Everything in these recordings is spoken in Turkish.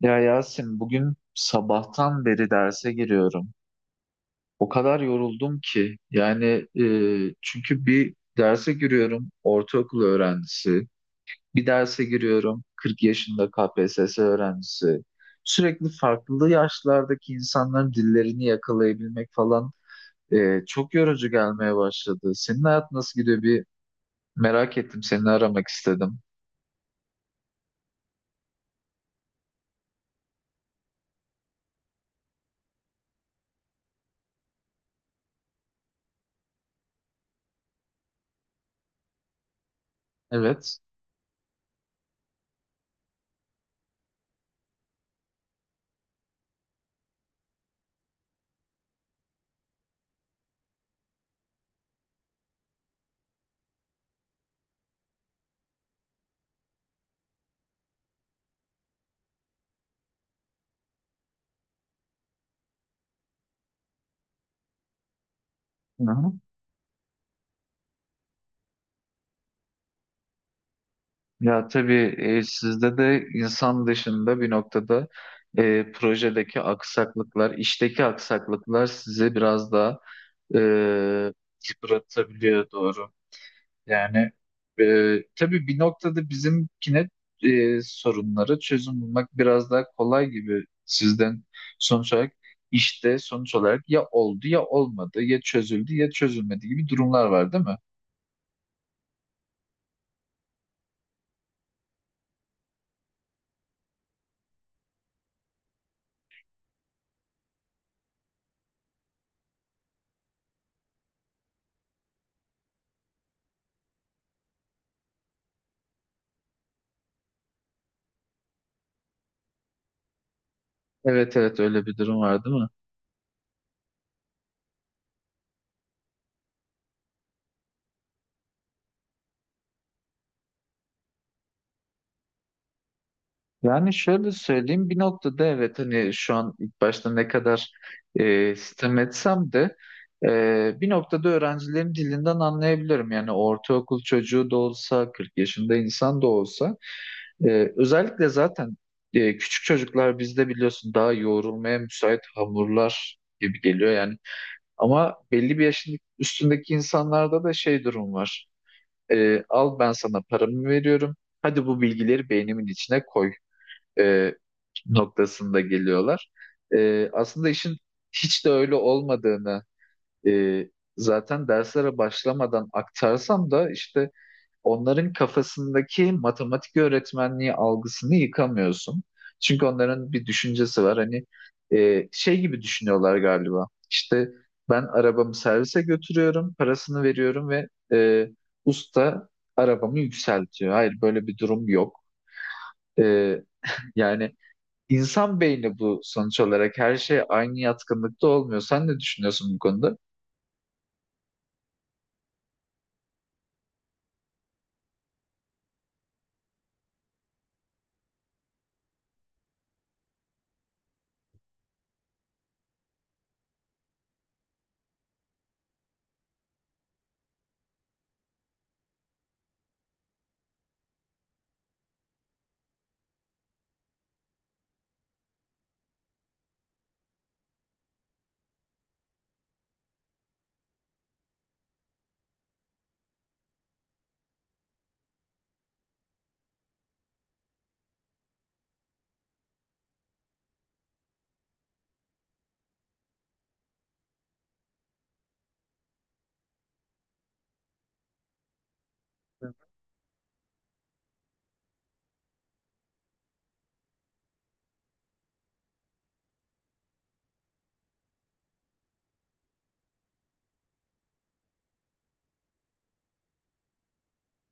Ya Yasin bugün sabahtan beri derse giriyorum. O kadar yoruldum ki yani çünkü bir derse giriyorum ortaokul öğrencisi, bir derse giriyorum 40 yaşında KPSS öğrencisi. Sürekli farklı yaşlardaki insanların dillerini yakalayabilmek falan çok yorucu gelmeye başladı. Senin hayat nasıl gidiyor bir merak ettim, seni aramak istedim. Evet. Hı hı. Ya tabii, sizde de insan dışında bir noktada projedeki aksaklıklar, işteki aksaklıklar sizi biraz daha e, yıpratabiliyor, doğru. Yani e, tabii bir noktada bizimkine, sorunlara çözüm bulmak biraz daha kolay gibi sizden. Sonuç olarak sonuç olarak ya oldu ya olmadı, ya çözüldü ya çözülmedi gibi durumlar var, değil mi? Evet evet, öyle bir durum var değil mi? Yani şöyle söyleyeyim, bir noktada evet, hani şu an ilk başta ne kadar sitem etsem de bir noktada öğrencilerin dilinden anlayabilirim. Yani ortaokul çocuğu da olsa, 40 yaşında insan da olsa, özellikle zaten küçük çocuklar bizde biliyorsun, daha yoğrulmaya müsait hamurlar gibi geliyor yani. Ama belli bir yaşın üstündeki insanlarda da şey durum var. Al, ben sana paramı veriyorum. Hadi bu bilgileri beynimin içine koy. E, noktasında geliyorlar. Aslında işin hiç de öyle olmadığını, e, zaten derslere başlamadan aktarsam da işte, onların kafasındaki matematik öğretmenliği algısını yıkamıyorsun. Çünkü onların bir düşüncesi var. Hani şey gibi düşünüyorlar galiba. İşte ben arabamı servise götürüyorum, parasını veriyorum ve usta arabamı yükseltiyor. Hayır, böyle bir durum yok. E, yani İnsan beyni bu, sonuç olarak her şey aynı yatkınlıkta olmuyor. Sen ne düşünüyorsun bu konuda?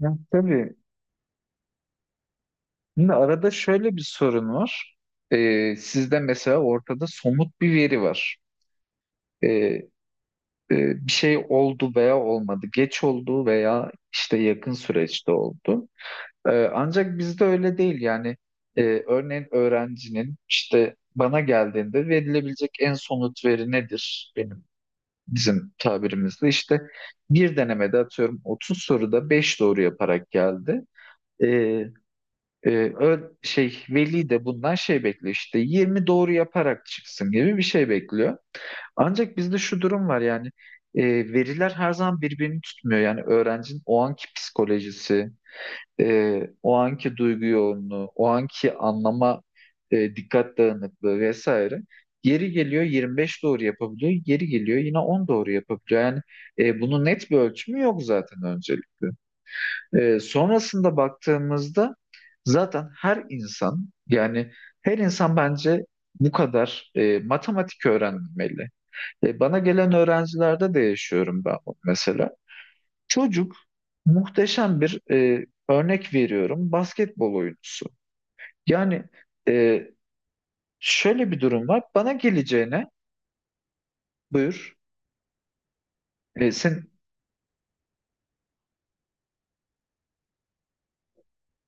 Hı. Tabii. Şimdi arada şöyle bir sorun var. Sizde mesela ortada somut bir veri var. Ee, Bir şey oldu veya olmadı. Geç oldu veya işte yakın süreçte oldu. Ancak bizde öyle değil. Yani örneğin öğrencinin işte bana geldiğinde verilebilecek en somut veri nedir? Bizim tabirimizde işte, bir denemede atıyorum 30 soruda 5 doğru yaparak geldi. Ee, e, Veli de bundan şey bekliyor, işte 20 doğru yaparak çıksın gibi bir şey bekliyor. Ancak bizde şu durum var yani, e, veriler her zaman birbirini tutmuyor. Yani öğrencinin o anki psikolojisi, o anki duygu yoğunluğu, o anki anlama, dikkat dağınıklığı vesaire. Geri geliyor 25 doğru yapabiliyor, geri geliyor yine 10 doğru yapabiliyor. Yani bunun net bir ölçümü yok zaten, öncelikle. Sonrasında baktığımızda zaten her insan, yani her insan bence bu kadar matematik öğrenmeli. Bana gelen öğrencilerde de yaşıyorum ben bunu mesela. Çocuk muhteşem bir, örnek veriyorum, basketbol oyuncusu. Yani e, şöyle bir durum var. Bana geleceğine buyur. Sen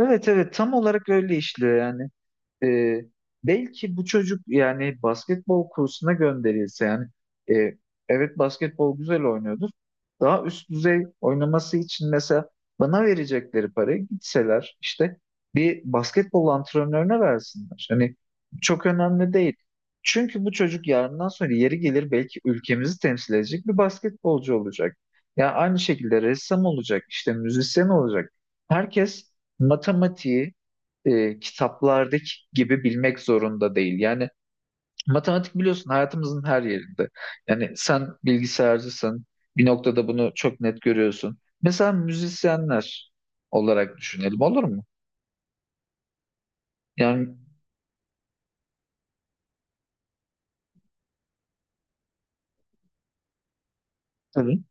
evet evet, tam olarak öyle işliyor yani. e, Belki bu çocuk yani basketbol kursuna gönderilse, yani e, evet, basketbol güzel oynuyordur. Daha üst düzey oynaması için mesela bana verecekleri parayı gitseler işte bir basketbol antrenörüne versinler. Hani çok önemli değil. Çünkü bu çocuk yarından sonra yeri gelir belki ülkemizi temsil edecek bir basketbolcu olacak. Yani aynı şekilde ressam olacak, işte müzisyen olacak. Herkes matematiği kitaplardaki gibi bilmek zorunda değil. Yani matematik biliyorsun hayatımızın her yerinde. Yani sen bilgisayarcısın, bir noktada bunu çok net görüyorsun. Mesela müzisyenler olarak düşünelim, olur mu? Yani. Tabii.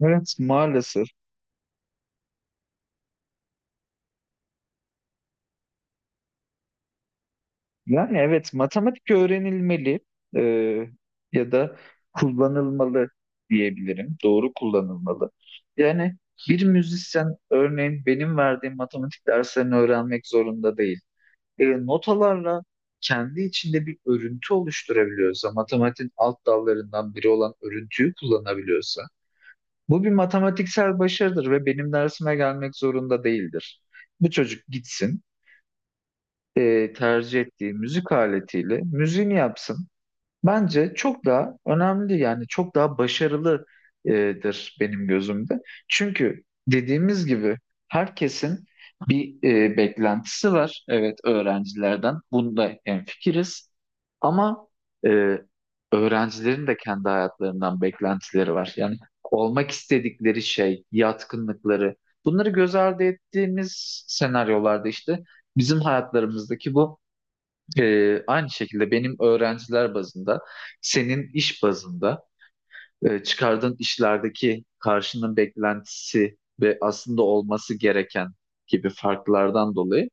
Evet maalesef. Yani evet, matematik öğrenilmeli e, ya da kullanılmalı diyebilirim. Doğru kullanılmalı. Yani bir müzisyen örneğin benim verdiğim matematik derslerini öğrenmek zorunda değil. Notalarla kendi içinde bir örüntü oluşturabiliyorsa, matematiğin alt dallarından biri olan örüntüyü kullanabiliyorsa, bu bir matematiksel başarıdır ve benim dersime gelmek zorunda değildir. Bu çocuk gitsin, tercih ettiği müzik aletiyle müziğini yapsın. Bence çok daha önemli, yani çok daha başarılıdır benim gözümde. Çünkü dediğimiz gibi herkesin bir beklentisi var. Evet, öğrencilerden bunda hemfikiriz. Ama e, öğrencilerin de kendi hayatlarından beklentileri var. Yani olmak istedikleri şey, yatkınlıkları, bunları göz ardı ettiğimiz senaryolarda işte bizim hayatlarımızdaki bu, aynı şekilde benim öğrenciler bazında, senin iş bazında, çıkardığın işlerdeki karşının beklentisi ve aslında olması gereken gibi farklardan dolayı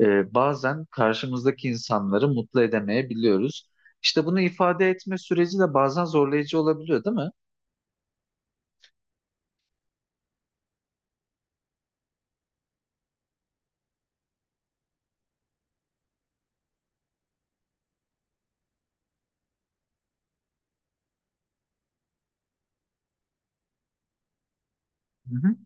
bazen karşımızdaki insanları mutlu edemeyebiliyoruz. İşte bunu ifade etme süreci de bazen zorlayıcı olabiliyor, değil mi? Hı hı.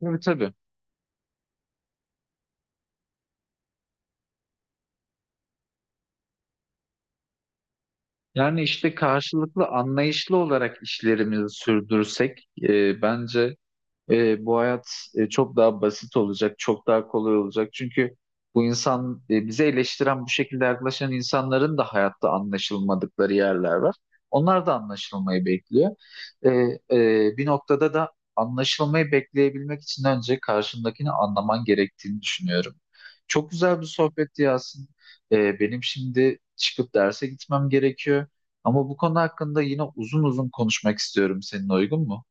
Tabii tabii. Yani işte karşılıklı anlayışlı olarak işlerimizi sürdürsek bence bu hayat çok daha basit olacak, çok daha kolay olacak. Çünkü bu insan, bize eleştiren bu şekilde yaklaşan insanların da hayatta anlaşılmadıkları yerler var. Onlar da anlaşılmayı bekliyor. E, bir noktada da anlaşılmayı bekleyebilmek için önce karşındakini anlaman gerektiğini düşünüyorum. Çok güzel bir sohbetti Yasin. Benim şimdi çıkıp derse gitmem gerekiyor. Ama bu konu hakkında yine uzun uzun konuşmak istiyorum. Seninle uygun mu?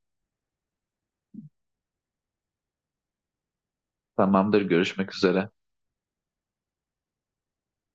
Tamamdır, görüşmek üzere.